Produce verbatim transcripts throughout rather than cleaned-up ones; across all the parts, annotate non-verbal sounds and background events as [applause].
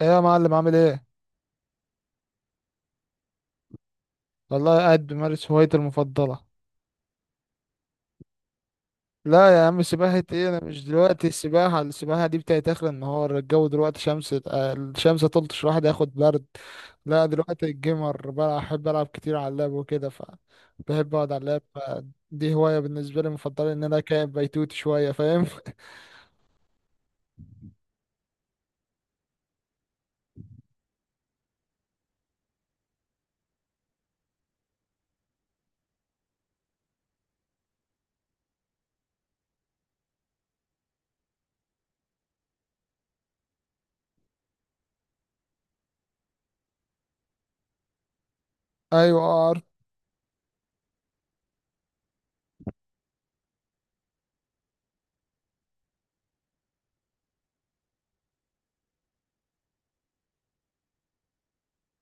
ايه يا معلم، عامل ايه؟ والله قاعد بمارس هوايتي المفضله. لا يا عم، سباحه ايه؟ انا مش دلوقتي، السباحه السباحه دي بتاعت اخر النهار. الجو دلوقتي شمس، آه، الشمس تلطش، الواحد ياخد برد. لا دلوقتي الجيمر، بلعب، بحب العب كتير على اللاب وكده. ف بحب اقعد على اللاب ف- دي هوايه بالنسبه لي مفضله، ان انا كائن بيتوت شويه، فاهم؟ [laughs] ايوه،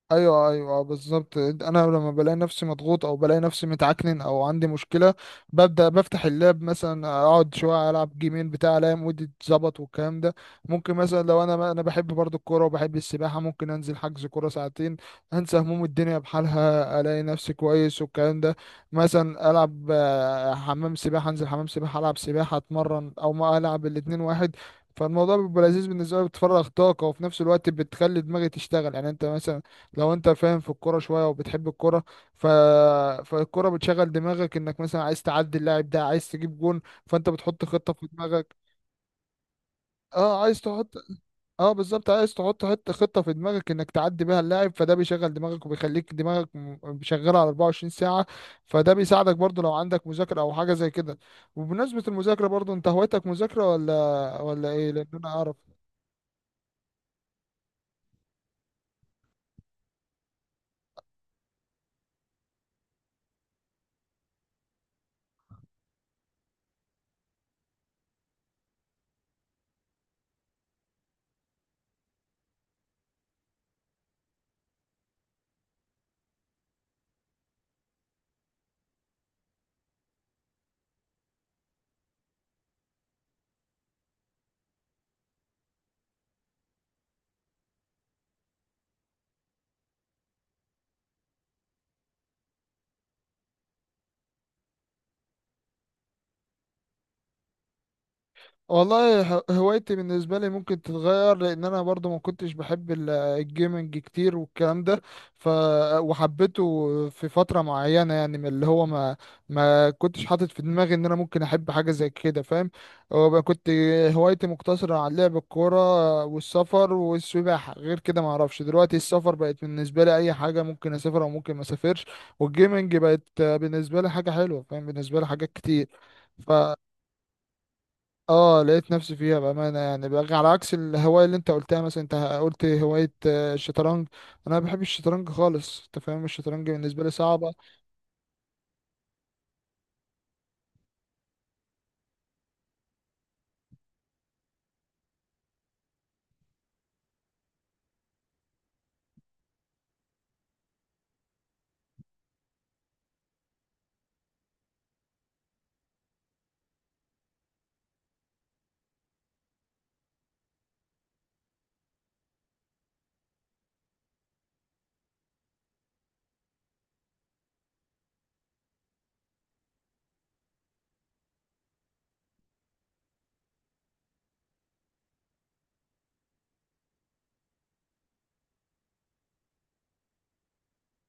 ايوه ايوه بالظبط. انا لما بلاقي نفسي مضغوط او بلاقي نفسي متعكنن او عندي مشكله، ببدا بفتح اللاب مثلا، اقعد شويه العب جيمين بتاع، الاقي مودي اتظبط والكلام ده. ممكن مثلا، لو انا انا بحب برضو الكوره وبحب السباحه، ممكن انزل حجز كوره ساعتين، انسى هموم الدنيا بحالها، الاقي نفسي كويس والكلام ده. مثلا العب، آه، حمام سباحه، انزل حمام سباحه العب سباحه، اتمرن، او ما العب الاتنين واحد. فالموضوع بيبقى لذيذ بالنسبه لي، بتفرغ طاقه وفي نفس الوقت بتخلي دماغي تشتغل. يعني انت مثلا لو انت فاهم في الكوره شويه وبتحب الكوره، ف... فالكوره بتشغل دماغك، انك مثلا عايز تعدي اللاعب ده، عايز تجيب جون، فانت بتحط خطه في دماغك. اه عايز تحط اه بالظبط، عايز تحط حته خطه في دماغك انك تعدي بيها اللاعب، فده بيشغل دماغك وبيخليك دماغك م- شغاله على أربعة وعشرين ساعة ساعه. فده بيساعدك برضو لو عندك مذاكره او حاجه زي كده. وبمناسبه المذاكره برضو، انت هوايتك مذاكره ولا ولا ايه؟ لان انا اعرف. والله، ه- هوايتي بالنسبة لي ممكن تتغير، لأن أنا برضو ما كنتش بحب ال- الجيمنج كتير والكلام ده. ف وحبيته في فترة معينة، يعني من اللي هو ما ما كنتش حاطط في دماغي إن أنا ممكن أحب حاجة زي كده، فاهم؟ وبقى كنت هوايتي مقتصرة على لعب الكورة والسفر والسباحة. غير كده ما أعرفش. دلوقتي السفر بقت بالنسبة لي أي حاجة، ممكن أسافر أو ممكن ما أسافرش. والجيمنج بقت بالنسبة لي حاجة حلوة. فاهم؟ بالنسبة لي حاجات كتير، اه لقيت نفسي فيها بأمانة. يعني بقى على عكس الهواية اللي انت قلتها، مثلا انت قلت هواية آه، الشطرنج، انا ما بحبش الشطرنج خالص، انت فاهم؟ الشطرنج بالنسبة لي صعبة.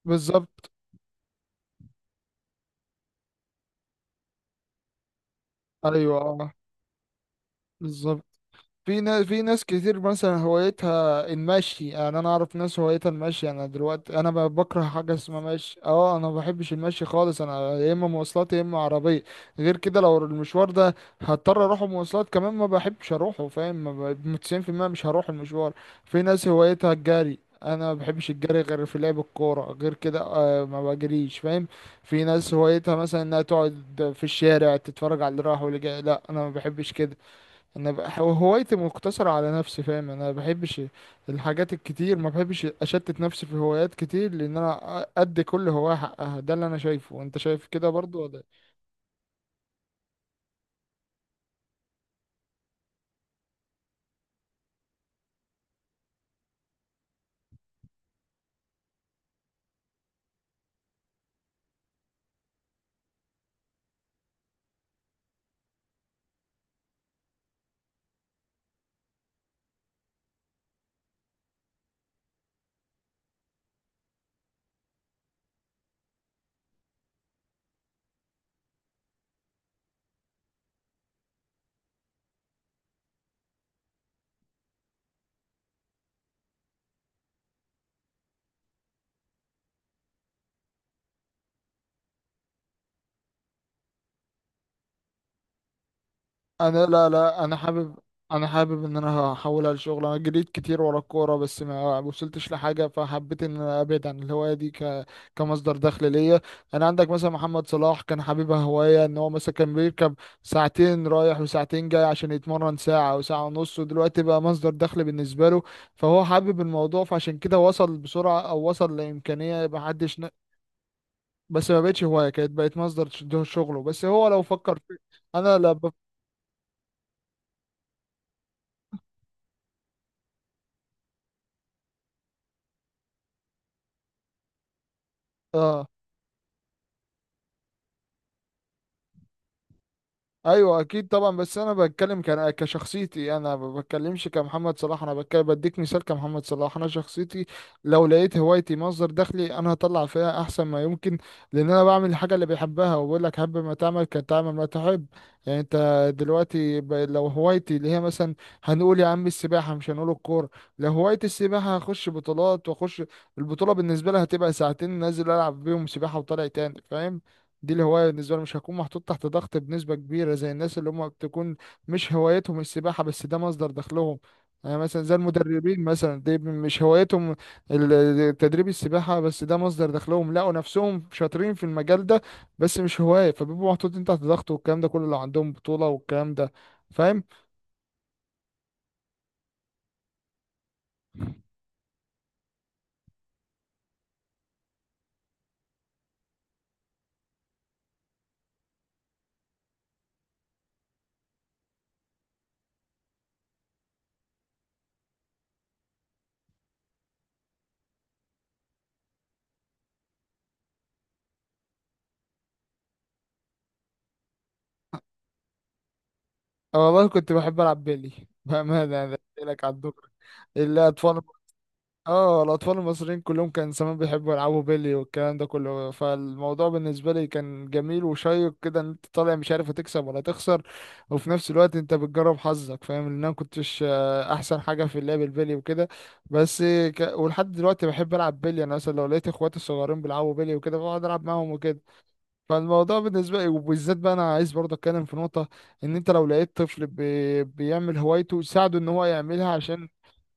بالظبط، ايوه اه بالظبط. في ناس في ناس كتير مثلا هوايتها المشي، يعني انا اعرف ناس هوايتها المشي. انا دلوقتي انا ب- بكره حاجه اسمها مشي، اه انا ما بحبش المشي خالص، انا يا اما مواصلات يا اما عربيه. غير كده لو المشوار ده هضطر اروح مواصلات كمان، ما بحبش اروحه، فاهم؟ ما ب- تسعين في المية مش هروح المشوار. في ناس هوايتها الجري، انا ما بحبش الجري غير في لعب الكوره، غير كده آه ما بجريش، فاهم؟ في ناس هوايتها مثلا انها تقعد في الشارع تتفرج على اللي راح واللي جاي، لا انا ما بحبش كده. انا بقى، هو- هوايتي مقتصرة على نفسي، فاهم؟ انا ما بحبش الحاجات الكتير، ما بحبش اشتت نفسي في هوايات كتير، لان انا ادي كل هواية حقها. ده اللي انا شايفه، انت شايف كده برضو ولا إيه؟ انا لا لا، انا حابب، انا حابب ان انا هحولها لشغل. انا جريت كتير ورا الكوره بس ما وصلتش لحاجه، فحبيت ان انا ابعد عن الهوايه دي ك... كمصدر دخل ليا. انا عندك مثلا محمد صلاح، كان حبيبها هوايه، ان هو مثلا كان بيركب ساعتين رايح وساعتين جاي عشان يتمرن ساعه او ساعه ونص، ودلوقتي بقى مصدر دخل بالنسبه له. فهو حابب الموضوع، فعشان كده وصل بسرعه، او وصل لامكانيه ما حدش ن... بس ما بقتش هوايه، كانت بقت مصدر ش- شغله. بس هو لو فكر في... انا لا ب... اه ايوه اكيد طبعا، بس انا بتكلم كان كشخصيتي انا، ما بتكلمش كمحمد صلاح، انا بتكلم بديك مثال كمحمد صلاح. انا شخصيتي لو لقيت هوايتي مصدر دخلي، انا هطلع فيها احسن ما يمكن، لان انا بعمل الحاجه اللي بحبها. وبقول لك، حب ما تعمل، كان تعمل ما تحب. يعني انت دلوقتي ب... لو هوايتي اللي هي مثلا، هنقول يا عم السباحه مش هنقول الكوره، لو هوايتي السباحه هخش بطولات، واخش البطوله بالنسبه لها هتبقى ساعتين نازل العب بيهم سباحه وطالع تاني، فاهم؟ دي الهواية بالنسبة لي، مش هكون محطوط تحت ضغط بنسبة كبيرة زي الناس اللي هم بتكون مش هوايتهم السباحة بس ده مصدر دخلهم. يعني مثلا زي المدربين مثلا، دي مش هوايتهم ال- تدريب السباحة، بس ده مصدر دخلهم، لقوا نفسهم شاطرين في المجال ده بس مش هواية، فبيبقوا محطوطين تحت ضغط والكلام ده كله لو عندهم بطولة والكلام ده، فاهم؟ أنا والله كنت بحب ألعب بيلي [laughs] بأمانة. أنا قلت لك على الدكر، الأطفال، اه الاطفال المصريين كلهم كان زمان بيحبوا يلعبوا بيلي والكلام ده كله. فالموضوع بالنسبه لي كان جميل وشيق كده، ان انت طالع مش عارف هتكسب ولا تخسر، وفي نفس الوقت انت بتجرب حظك، فاهم؟ ان انا كنتش آه، احسن حاجه في اللعب البيلي وكده، بس ك... ولحد دلوقتي بحب العب بيلي. انا مثلا لو لقيت اخواتي الصغيرين بيلعبوا بيلي وكده، بقعد العب معاهم وكده. فالموضوع بالنسبه لي، وبالذات بقى انا عايز برضه اتكلم في نقطه، ان انت لو لقيت طفل بي... بيعمل هوايته، ساعده ان هو يعملها، عشان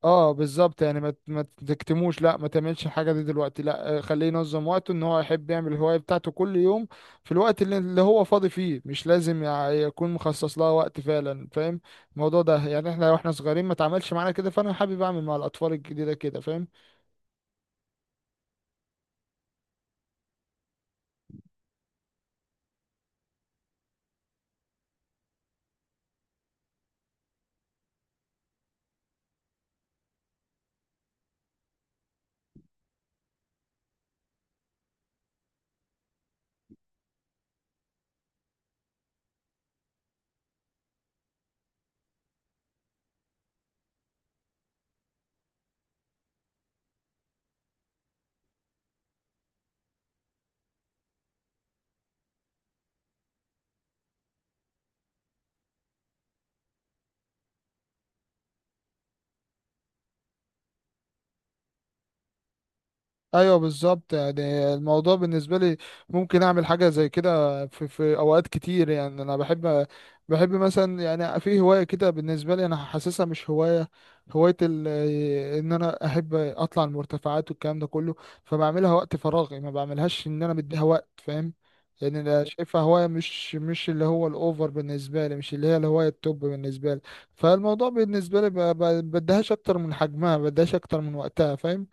اه بالظبط. يعني ما ت- ما تكتموش، لا ما تعملش الحاجه دي دلوقتي لا، آه، خليه ينظم وقته، ان هو يحب يعمل الهوايه بتاعته كل يوم في الوقت اللي اللي هو فاضي فيه، مش لازم يع- يكون مخصص لها وقت فعلا، فاهم الموضوع ده؟ يعني احنا واحنا صغيرين ما اتعملش معانا كده، فانا حابب اعمل مع الاطفال الجديده كده، فاهم؟ ايوه بالظبط. يعني الموضوع بالنسبه لي ممكن اعمل حاجه زي كده في في اوقات كتير، يعني انا بحب، بحب مثلا، يعني في هوايه كده بالنسبه لي انا حاسسها مش هوايه، هوايه ال- ان انا احب اطلع المرتفعات والكلام ده كله، فبعملها وقت فراغي، ما بعملهاش ان انا مديها وقت، فاهم؟ يعني انا شايفها هوايه، مش مش اللي هو الاوفر بالنسبه لي، مش اللي هي الهوايه التوب بالنسبه لي. فالموضوع بالنسبه لي ب- ب- بديهاش اكتر من حجمها، بديهاش اكتر من وقتها، فاهم؟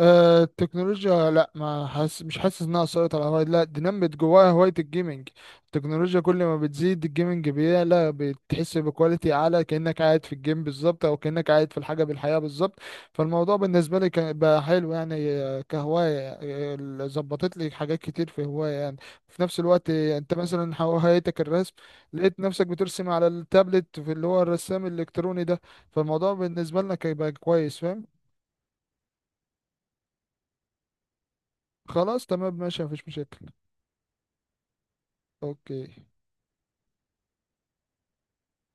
آه، التكنولوجيا لا، ما حاسس مش حاسس انها اثرت على هوايتي، لا دي نمت جواها هوايه الجيمنج. التكنولوجيا كل ما بتزيد، الجيمنج بيعلى، بتحس بكواليتي اعلى كانك قاعد في الجيم بالظبط، او كانك قاعد في الحاجه بالحياه بالظبط. فالموضوع بالنسبه لي كان- بقى حلو يعني، آه، كهوايه آه، ال- ظبطت لي حاجات كتير في هوايه يعني. في نفس الوقت، آه، انت مثلا هوايتك الرسم، لقيت نفسك بترسم على التابلت، في اللي هو الرسام الالكتروني ده، فالموضوع بالنسبه لنا كان بقى كويس، فاهم؟ خلاص تمام ماشي، مفيش مشاكل. اوكي.